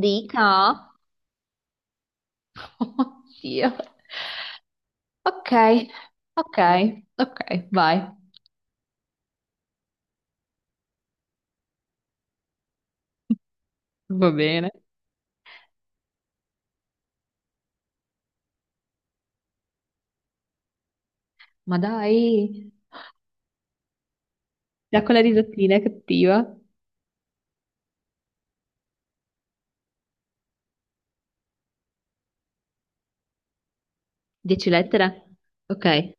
Dica. Oddio. Ok, ok, ok, vai. Va bene. Ma dai, da quella risatina è cattiva. Dieci lettere? Ok.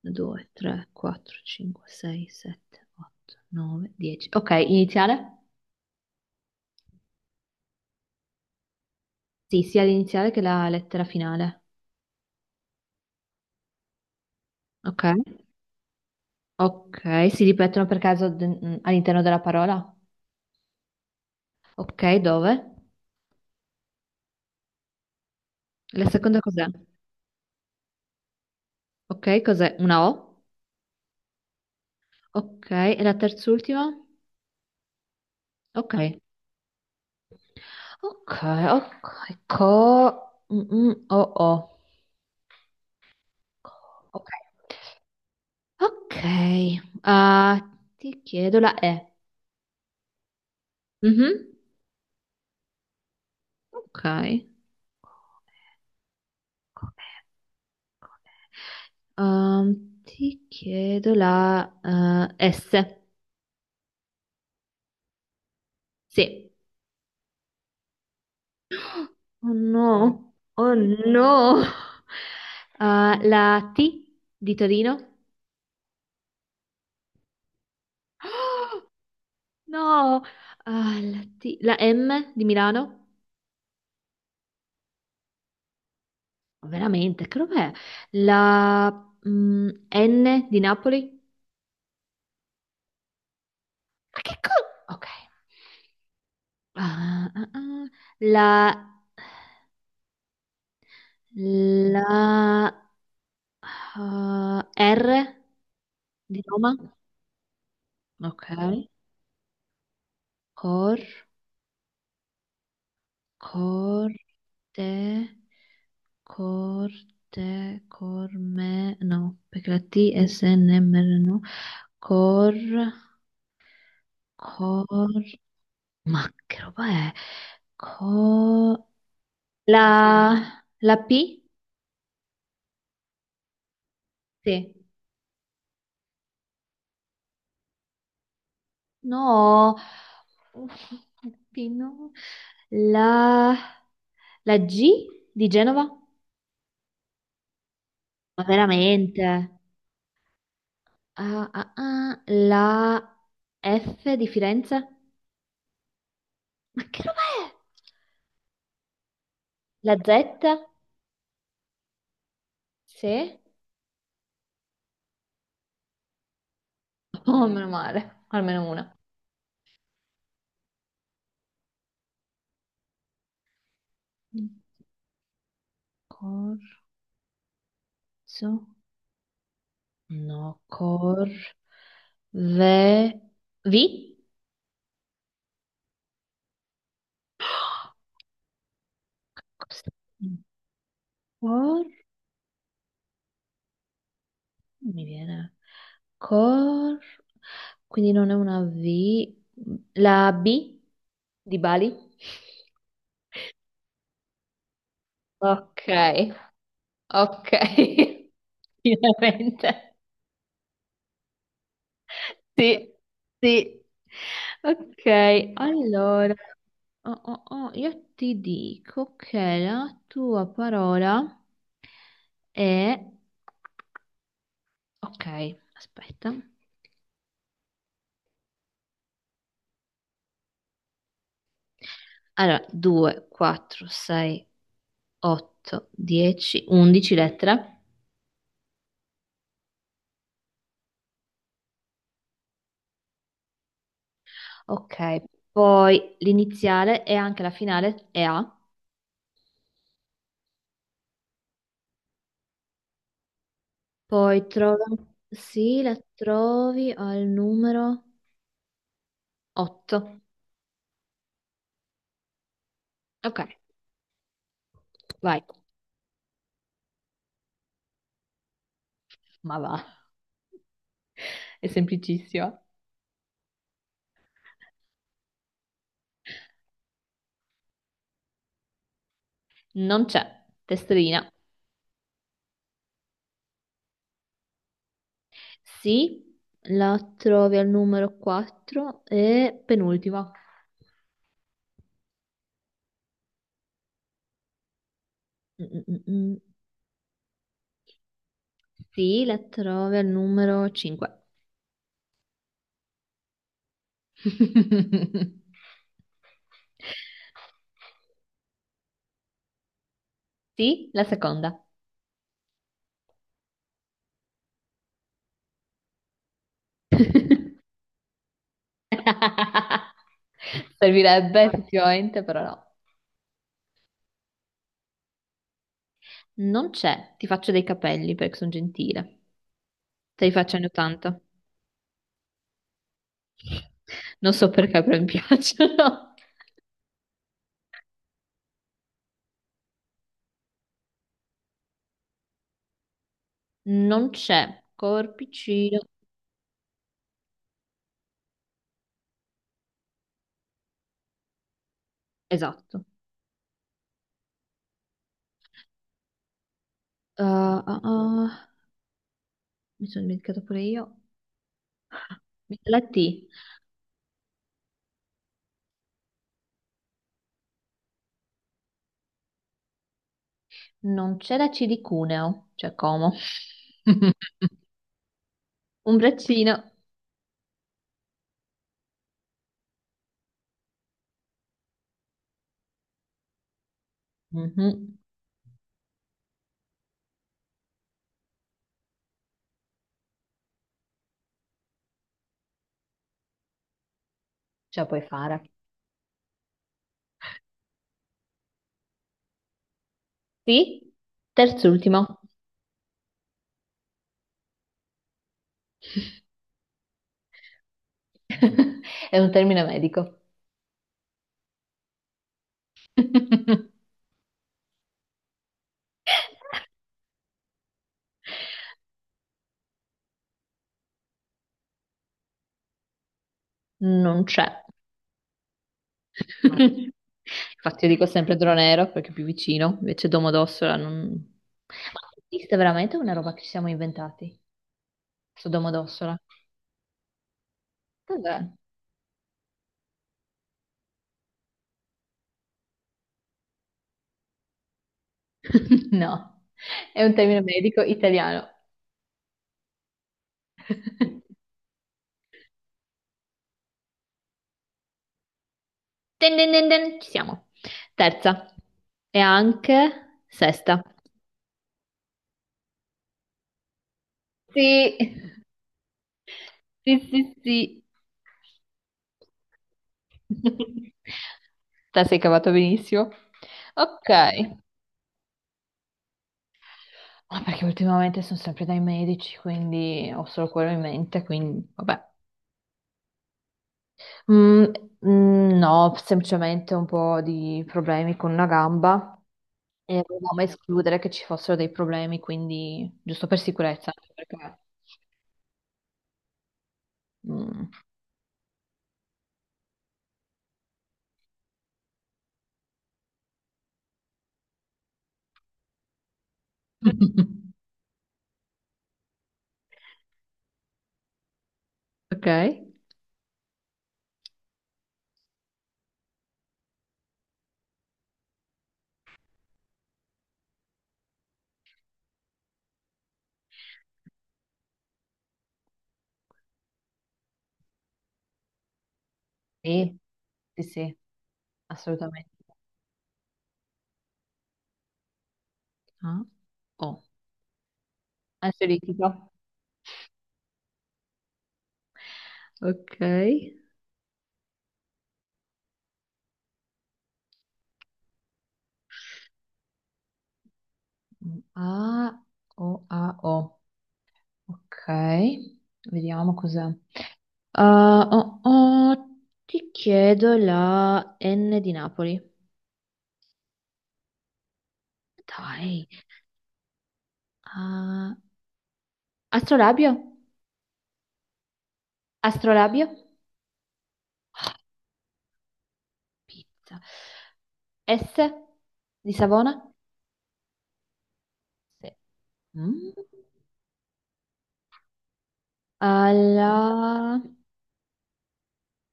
2, 3, 4, 5, 6, 7, 8, 9, 10. Ok, iniziale? Sì, sia l'iniziale che la lettera finale. Ok. Ok, si ripetono per caso all'interno della parola? Ok, dove? La seconda cos'è? Ok, cos'è? Una O? Ok, e la terz'ultima? Ok, Ok, ok, co... mm, mm, oh, oh. Ok, ok. Ah, ti chiedo la E. Mhm. Ok. Ti chiedo la S. Sì. Oh no, oh no. Ah, la T di Torino? No, ah, la M di Milano? Veramente, che roba è? La N di Napoli? Ma che cosa? Ok. Ah, ah, ah. La, la, R di Roma? Ok. Cor, corte, corte, corme, no, perché la T è SNMR, no? Cor, cor, ma che roba è? Co- la P? Sì. No, P no. La, la G di Genova? Ma veramente? Ah, ah, ah, la F di Firenze? Ma che roba è? La Z? Sì? Oh, meno male, almeno una. Corso? No, Ve... Vi? Cos'è? Cor... Non mi viene. Cor... Quindi non è una V. La B di Bali? Ok, ok. Finalmente. Sì, sì. Ok, allora, oh, oh, oh, io ti dico che la tua parola è. Ok, aspetta. Allora, 2, 4, 6, 8, 10, 11 lettere. Ok, poi l'iniziale e anche la finale è A. Poi trovo, sì, la trovi al numero 8. Ok, vai. Ma va, è semplicissima. Non c'è, testina. Sì, la trovi al numero 4 e penultima. Mm, mm, mm. Sì, la trovi al numero 5. Sì, la seconda. Servirebbe effettivamente, però no. Non c'è, ti faccio dei capelli perché sono gentile. Te li faccio anni 80. Non so perché, però mi piacciono. Non c'è, corpicino. Esatto. Uh, uh, uh, mi sono dimenticato pure io. La T. Non c'è la C di Cuneo, cioè Como. Un braccino. Mhm, ce la puoi fare. Sì? Terz'ultimo. È un termine medico. Non c'è. No. Infatti io dico sempre Dronero perché è più vicino, invece Domodossola non. Ma esiste veramente una roba che ci siamo inventati? Su Domodossola? Cos'è? No, è un termine medico italiano. Ten, ten, ten, ten, ci siamo. Terza. E anche sesta. Sì, sì, sì, sì. Te sei cavato benissimo. Ok. Ah, perché ultimamente sono sempre dai medici, quindi ho solo quello in mente, quindi vabbè. Mm, mm, no, semplicemente un po' di problemi con una gamba e volevamo escludere che ci fossero dei problemi, quindi giusto per sicurezza, anche perché. Mm. Ok. Sì, sì, sì, assolutamente. Ah, oh. Ansiolitico. Ok. A, O, A, O. Ok, vediamo cos'è. Ah, oh, oh, ti chiedo la N di Napoli. Dai. Ah, astrolabio? Astrolabio? Pizza. S di Savona? Sì. Mm. Alla...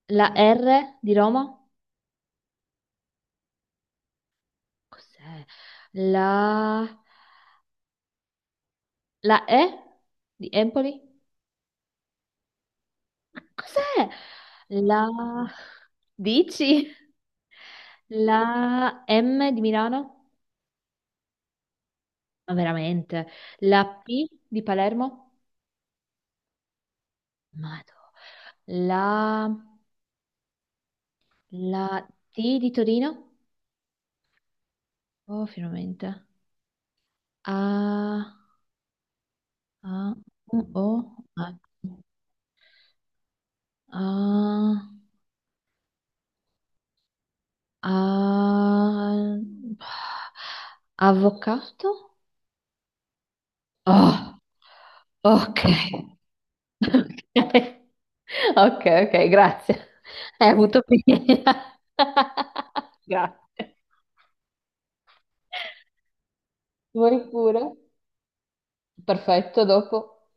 La R di Roma? Cos'è? La... La E di Empoli? Cos'è? La... Dici? La M di Milano? Ma veramente. La P di Palermo? Madò. La, la T di Torino? Oh, finalmente. A, A, U, O, A, A, A- avvocato? Oh, ok. Ok, ok, ok, grazie. Hai avuto pietà. Grazie. Vuoi pure? Perfetto, dopo.